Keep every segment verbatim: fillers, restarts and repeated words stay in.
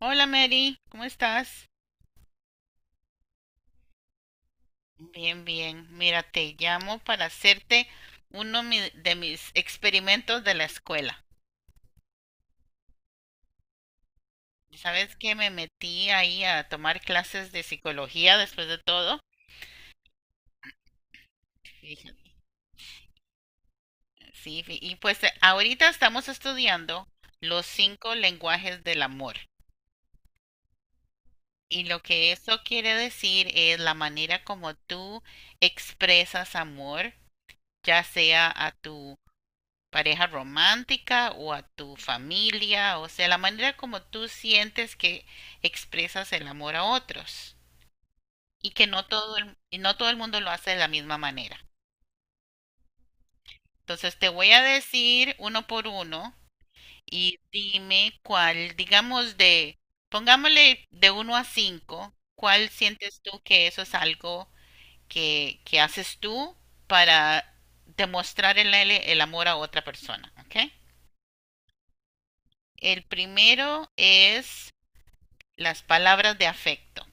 Hola Mary, ¿cómo estás? Bien, bien. Mira, te llamo para hacerte uno mi- de mis experimentos de la escuela. ¿Sabes que me metí ahí a tomar clases de psicología después de todo? Fíjate. Sí, fí- y pues eh, ahorita estamos estudiando los cinco lenguajes del amor. Y lo que eso quiere decir es la manera como tú expresas amor, ya sea a tu pareja romántica o a tu familia, o sea, la manera como tú sientes que expresas el amor a otros y que no todo el, y no todo el mundo lo hace de la misma manera. Entonces te voy a decir uno por uno y dime cuál, digamos de, pongámosle de uno a cinco, cuál sientes tú que eso es algo que, que haces tú para demostrar el, el el amor a otra persona, ¿ok? El primero es las palabras de afecto.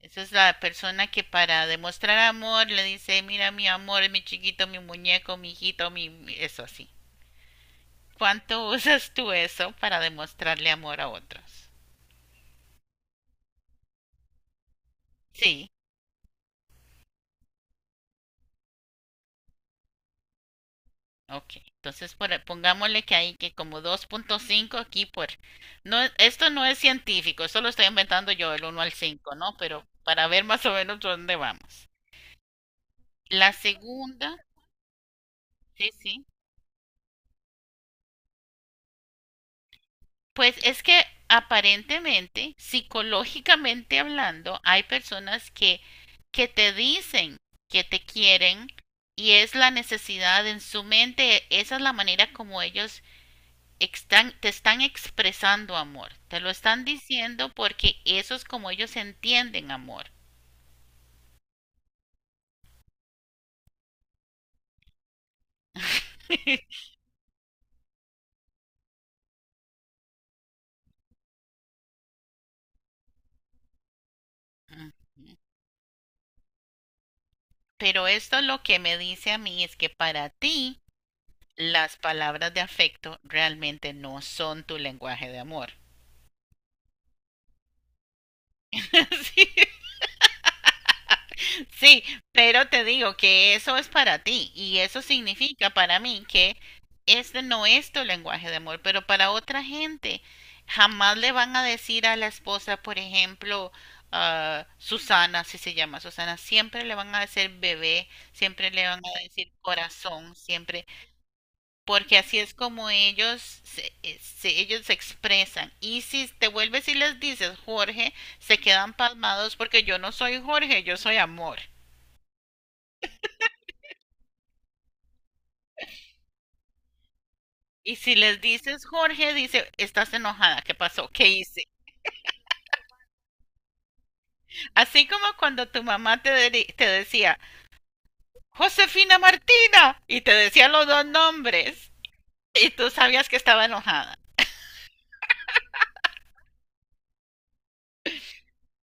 Esa es la persona que para demostrar amor le dice, mira mi amor, mi chiquito, mi muñeco, mi hijito, mi... eso así. ¿Cuánto usas tú eso para demostrarle amor a otros? Sí, ok. Entonces por, pongámosle que hay que como dos punto cinco aquí por... No, esto no es científico, esto lo estoy inventando yo, el uno al cinco, ¿no? Pero para ver más o menos dónde vamos. La segunda, sí, sí. Pues es que aparentemente, psicológicamente hablando, hay personas que, que te dicen que te quieren y es la necesidad en su mente, esa es la manera como ellos están, te están expresando amor, te lo están diciendo porque eso es como ellos entienden amor. Mm. Pero esto lo que me dice a mí es que para ti las palabras de afecto realmente no son tu lenguaje de amor. Sí. Sí, pero te digo que eso es para ti y eso significa para mí que este no es tu lenguaje de amor, pero para otra gente jamás le van a decir a la esposa, por ejemplo, ah, Susana, si se llama Susana, siempre le van a decir bebé, siempre le van a decir corazón, siempre, porque así es como ellos se, eh, se- ellos se expresan. Y si te vuelves y les dices Jorge, se quedan palmados porque yo no soy Jorge, yo soy amor. Y si les dices, Jorge, dice, estás enojada, ¿qué pasó? ¿Qué hice? Así como cuando tu mamá te, de- te decía, Josefina Martina, y te decía los dos nombres, y tú sabías que estaba enojada.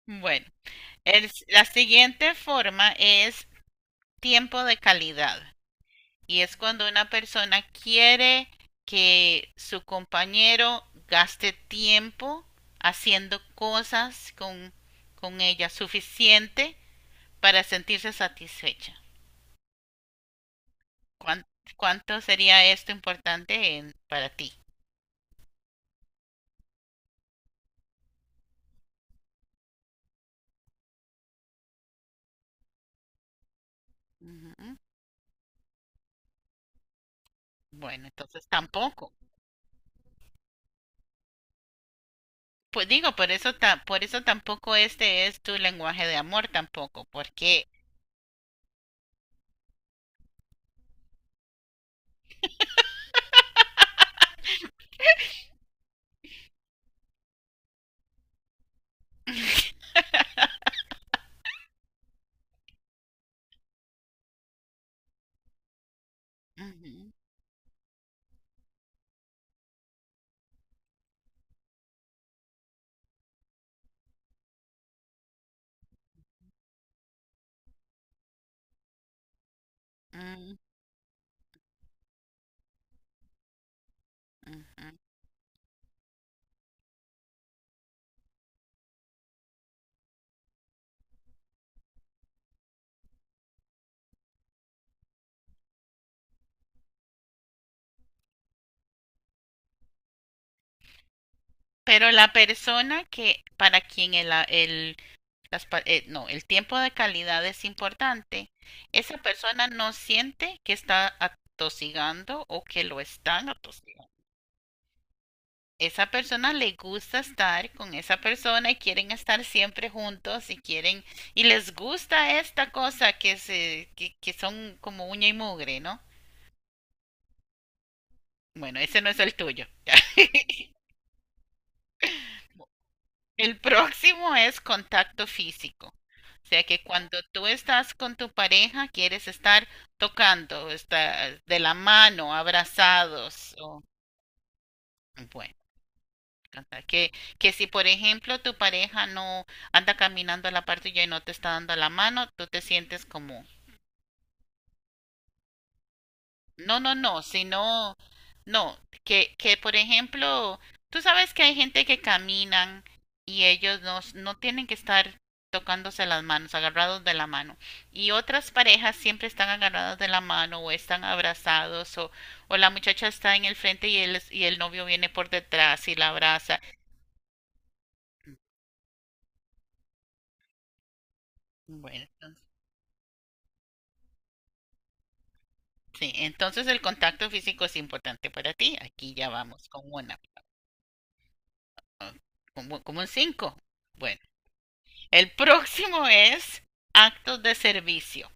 Bueno, el- s- la siguiente forma es tiempo de calidad, y es cuando una persona quiere que su compañero gaste tiempo haciendo cosas con, con ella suficiente para sentirse satisfecha. ¿Cuán- ¿Cuánto sería esto importante en- para ti? Ujú. Bueno, entonces tampoco. Pues digo, por eso ta- por eso tampoco este es tu lenguaje de amor tampoco, porque ujú, mm, ujú. Pero la persona que para quien el, a- el- las pa- eh, no, el tiempo de calidad es importante, esa persona no siente que está atosigando o que lo están atosigando. Esa persona le gusta estar con esa persona y quieren estar siempre juntos y quieren y les gusta esta cosa que se que, que son como uña y mugre, ¿no? Bueno, ese no es el tuyo. el próximo es contacto físico. O sea que cuando tú estás con tu pareja quieres estar tocando, estar de la mano, abrazados o bueno. Que, que si, por ejemplo, tu pareja no anda caminando a la par tuya y no te está dando la mano, tú te sientes como, no, no, no, sino, no, que, que por ejemplo, tú sabes que hay gente que caminan y ellos no, no tienen que estar tocándose las manos, agarrados de la mano. Y otras parejas siempre están agarradas de la mano o están abrazados o, o la muchacha está en el frente y el, y el novio viene por detrás y la abraza. Bueno, entonces, sí, entonces el contacto físico es importante para ti. Aquí ya vamos con una, ah, como, como un cinco. Bueno, el próximo es actos de servicio.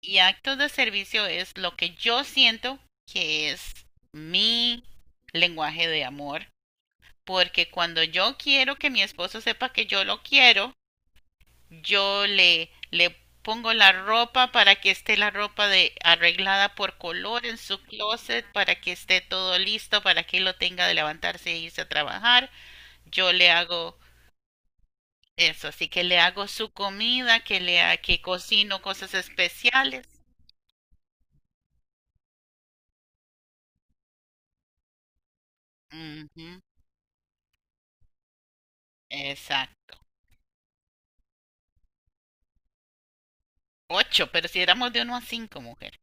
Y actos de servicio es lo que yo siento que es mi lenguaje de amor. Porque cuando yo quiero que mi esposo sepa que yo lo quiero, yo le, le pongo la ropa para que esté la ropa de arreglada por color en su closet para que esté todo listo para que lo tenga de levantarse e irse a trabajar. Yo le hago eso, así que le hago su comida, que le ha- que cocino cosas especiales. Ujú, exacto. Ocho, pero si éramos de uno a cinco, mujer.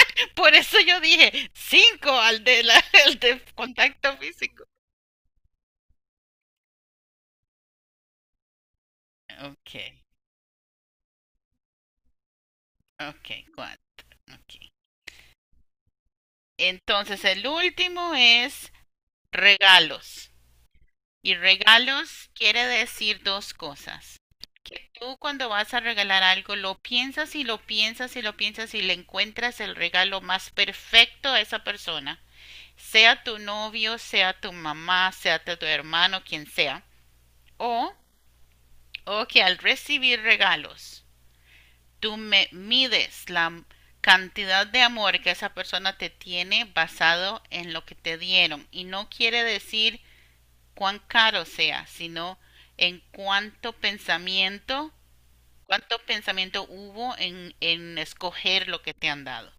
Por eso yo dije cinco al de la, al de contacto físico. Ok, ok, cuatro, ok. Entonces, el último es regalos. Y regalos quiere decir dos cosas. Que tú cuando vas a regalar algo lo piensas y lo piensas y lo piensas y le encuentras el regalo más perfecto a esa persona. Sea tu novio, sea tu mamá, sea tu hermano, quien sea. O, o que al recibir regalos tú me mides la cantidad de amor que esa persona te tiene basado en lo que te dieron. Y no quiere decir cuán caro sea, sino en cuánto pensamiento, cuánto pensamiento hubo en, en escoger lo que te han dado.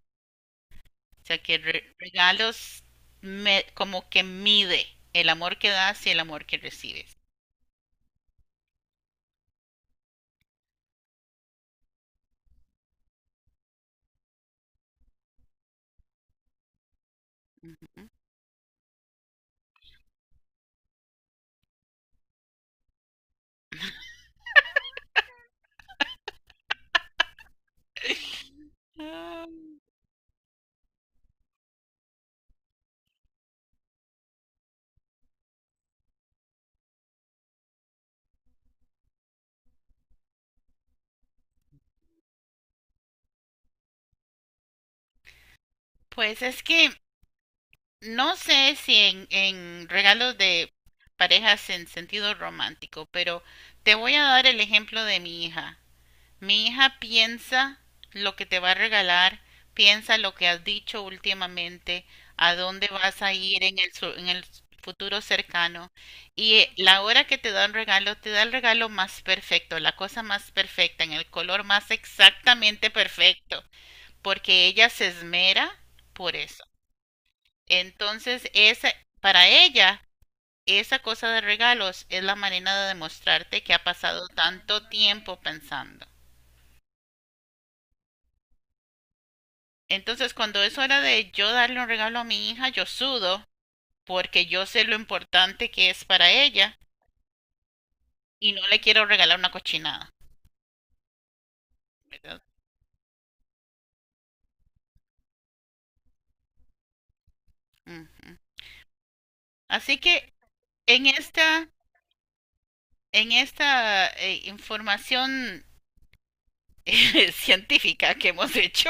O sea que re- regalos me- como que mide el amor que das y el amor que recibes. Ah, pues es que no sé si en, en regalos de parejas en sentido romántico, pero te voy a dar el ejemplo de mi hija. Mi hija piensa lo que te va a regalar, piensa lo que has dicho últimamente, a dónde vas a ir en el, su- en el futuro cercano. Y eh, la hora que te da un regalo, te da el regalo más perfecto, la cosa más perfecta, en el color más exactamente perfecto, porque ella se esmera por eso. Entonces, esa, para ella, esa cosa de regalos es la manera de demostrarte que ha pasado tanto tiempo pensando. Entonces, cuando es hora de yo darle un regalo a mi hija, yo sudo porque yo sé lo importante que es para ella y no le quiero regalar una cochinada. ¿Verdad? Ujú. Así que en esta, en esta eh, información científica que hemos hecho,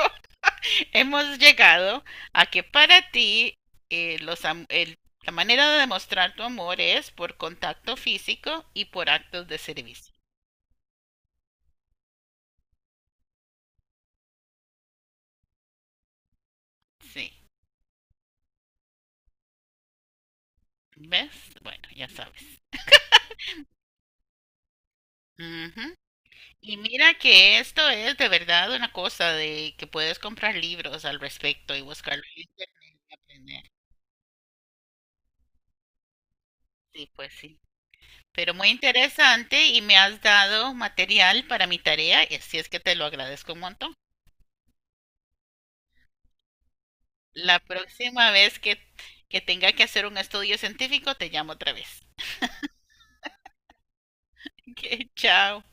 hemos llegado a que para ti eh, los am- el- la manera de demostrar tu amor es por contacto físico y por actos de servicio. Sí, ¿ves? Bueno, ya sabes. Ujú. Y mira que esto es de verdad una cosa de que puedes comprar libros al respecto y buscarlo en internet y aprender. Sí, pues sí. Pero muy interesante y me has dado material para mi tarea, y así es que te lo agradezco un montón. La próxima vez que, que tenga que hacer un estudio científico, te llamo otra vez. Ok, chao.